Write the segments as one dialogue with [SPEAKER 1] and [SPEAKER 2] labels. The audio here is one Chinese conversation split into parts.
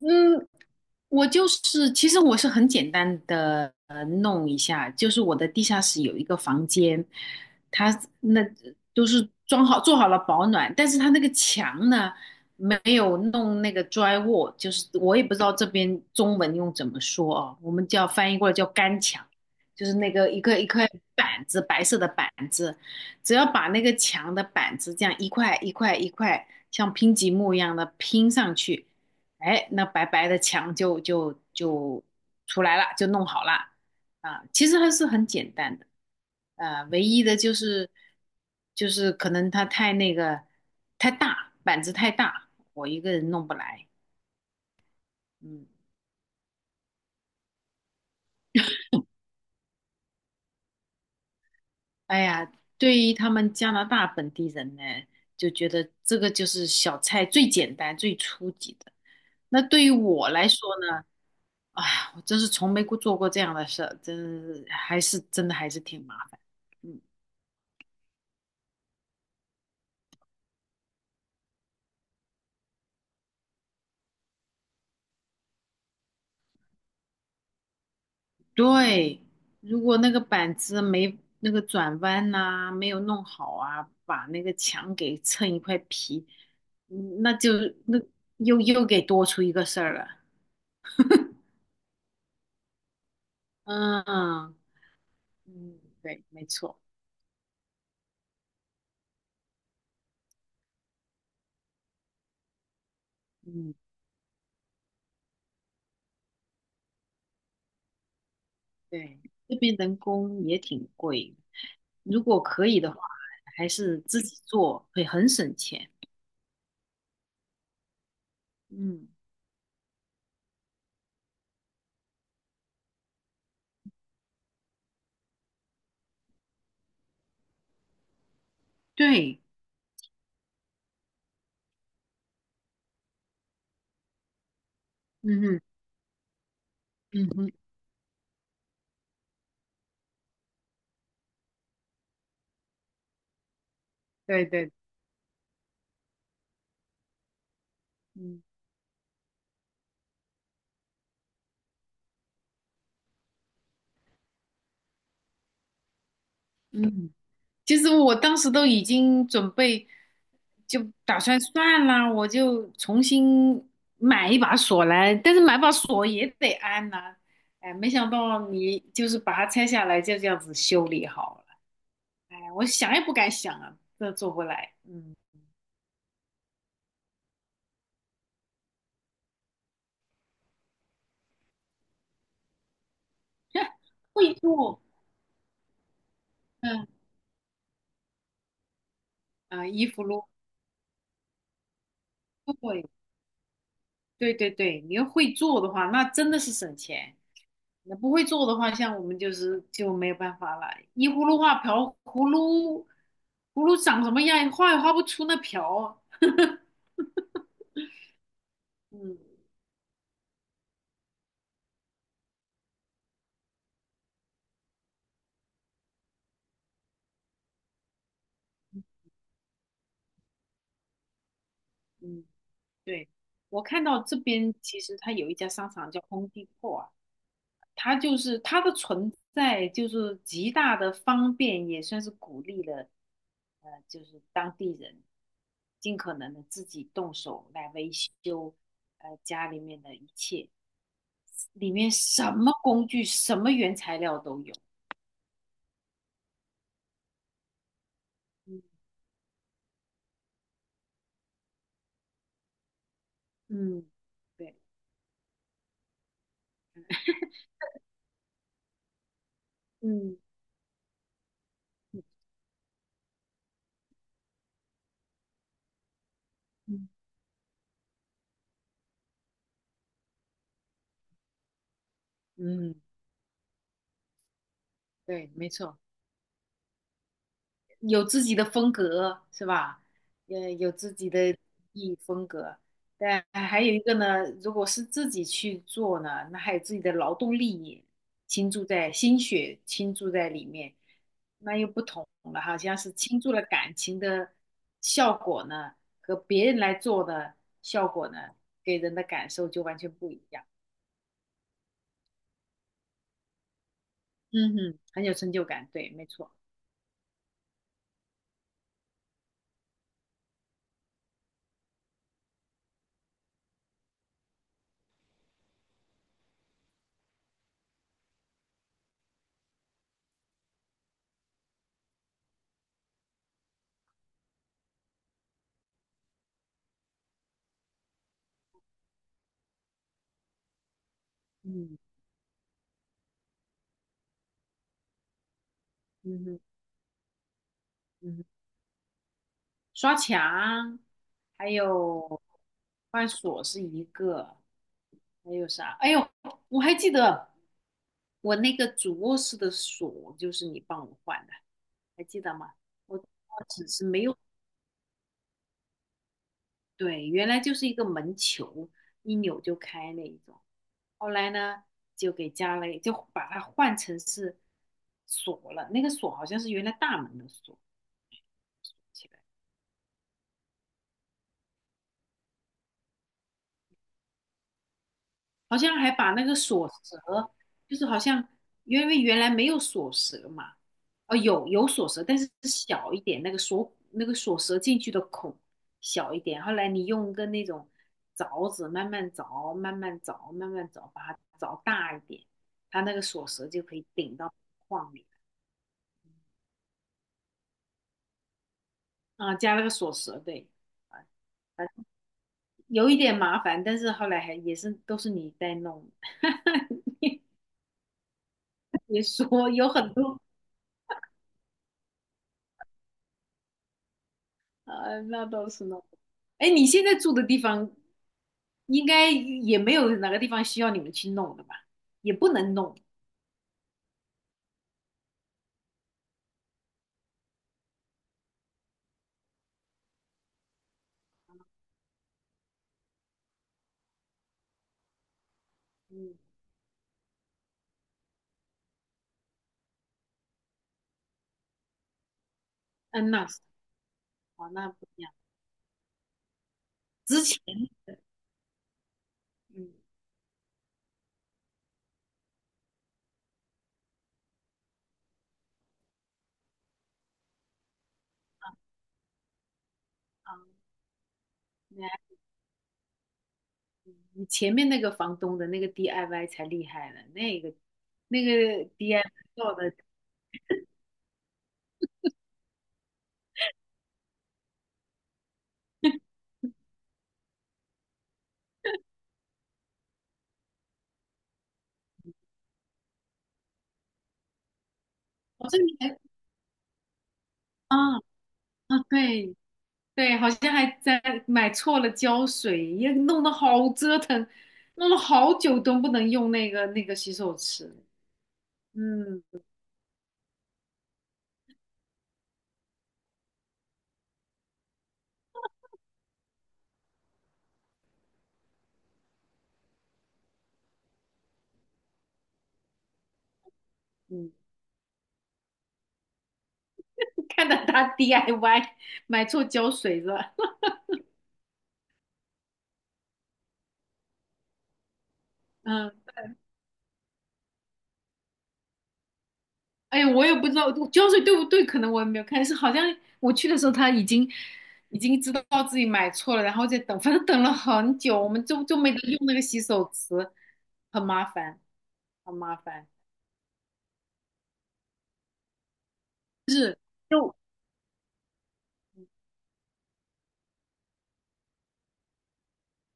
[SPEAKER 1] 嗯，我就是，其实我是很简单的弄一下，就是我的地下室有一个房间，它那都是装好做好了保暖，但是它那个墙呢没有弄那个 drywall,就是我也不知道这边中文用怎么说啊，我们叫翻译过来叫干墙，就是那个一个一块板子，白色的板子，只要把那个墙的板子这样一块一块一块像拼积木一样的拼上去。哎，那白白的墙就出来了，就弄好了啊。其实还是很简单的，唯一的就是可能它太那个太大，板子太大，我一个人弄不来。嗯，哎呀，对于他们加拿大本地人呢，就觉得这个就是小菜最简单、最初级的。那对于我来说呢，哎呀，我真是从没过做过这样的事儿，真是还是真的还是挺麻烦。嗯，对，如果那个板子没那个转弯呐、没有弄好啊，把那个墙给蹭一块皮，嗯那就那又给多出一个事儿了。嗯嗯，对，没错。嗯，对，这边人工也挺贵，如果可以的话，还是自己做会很省钱。嗯，对，嗯哼，嗯哼，对对，嗯嗯，其实我当时都已经准备，就打算算了，我就重新买一把锁来，但是买把锁也得安呐、哎，没想到你就是把它拆下来，就这样子修理好了，哎，我想也不敢想啊，这做不来，嗯。会做，嗯啊，衣服咯，对对对对，你要会做的话，那真的是省钱。那不会做的话，像我们就是就没有办法了。依葫芦画瓢，葫芦长什么样，画也画不出那瓢。嗯嗯，对，我看到这边其实它有一家商场叫空地 m 啊，它它的存在，就是极大的方便，也算是鼓励了，就是当地人尽可能的自己动手来维修，家里面的一切，里面什么工具、什么原材料都有。嗯，嗯对，嗯。嗯，嗯对，没错。有自己的风格是吧？有自己的艺风格，但还有一个呢，如果是自己去做呢，那还有自己的劳动力倾注在心血倾注在里面，那又不同了，好像是倾注了感情的效果呢，和别人来做的效果呢，给人的感受就完全不一样。嗯哼，很有成就感，对，没错。嗯嗯哼嗯哼。刷墙，还有换锁是一个，还有啥？哎呦，我还记得我那个主卧室的锁就是你帮我换的，还记得吗？我只是没有，对，原来就是一个门球，一扭就开那一种。后来呢，就给加了，就把它换成是锁了。那个锁好像是原来大门的锁，起来。好像还把那个锁舌，就是好像因为原来没有锁舌嘛，哦，有锁舌，但是是小一点，那个锁舌进去的孔小一点。后来你用个那种凿子慢慢凿，慢慢凿，慢慢凿，把它凿大一点，它那个锁舌就可以顶到框里啊，加了个锁舌，对。啊，啊有一点麻烦，但是后来还也是都是你在弄，你说有很多。啊，那倒是呢。哎，你现在住的地方应该也没有哪个地方需要你们去弄的吧？也不能弄。嗯，嗯，那是哦，那不一样。之前，嗯，啊，那你前面那个房东的那个 DIY 才厉害呢，那个 DIY 做的，好像你还啊啊，对对，好像还在买错了胶水，也弄得好折腾，弄了好久都不能用那个洗手池。嗯，嗯，看到他 DIY 买错胶水了，嗯，哎呀，我也不知道胶水对不对，可能我也没有看，是好像我去的时候他已经知道自己买错了，然后在等，反正等了很久，我们就没得用那个洗手池，很麻烦，很麻烦。是，就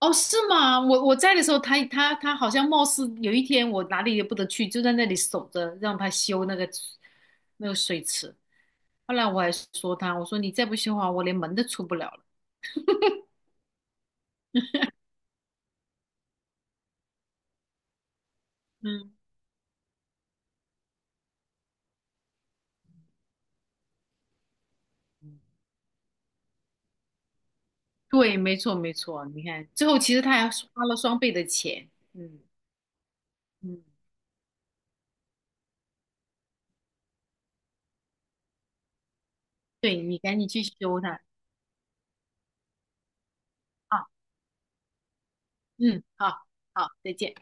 [SPEAKER 1] 哦，是吗？我在的时候，他好像貌似有一天我哪里也不得去，就在那里守着让他修那个水池。后来我还说他，我说你再不修好，我连门都出不了了。嗯，嗯对，没错没错，你看最后其实他还花了双倍的钱。嗯嗯，对你赶紧去修它啊。嗯，好好，再见。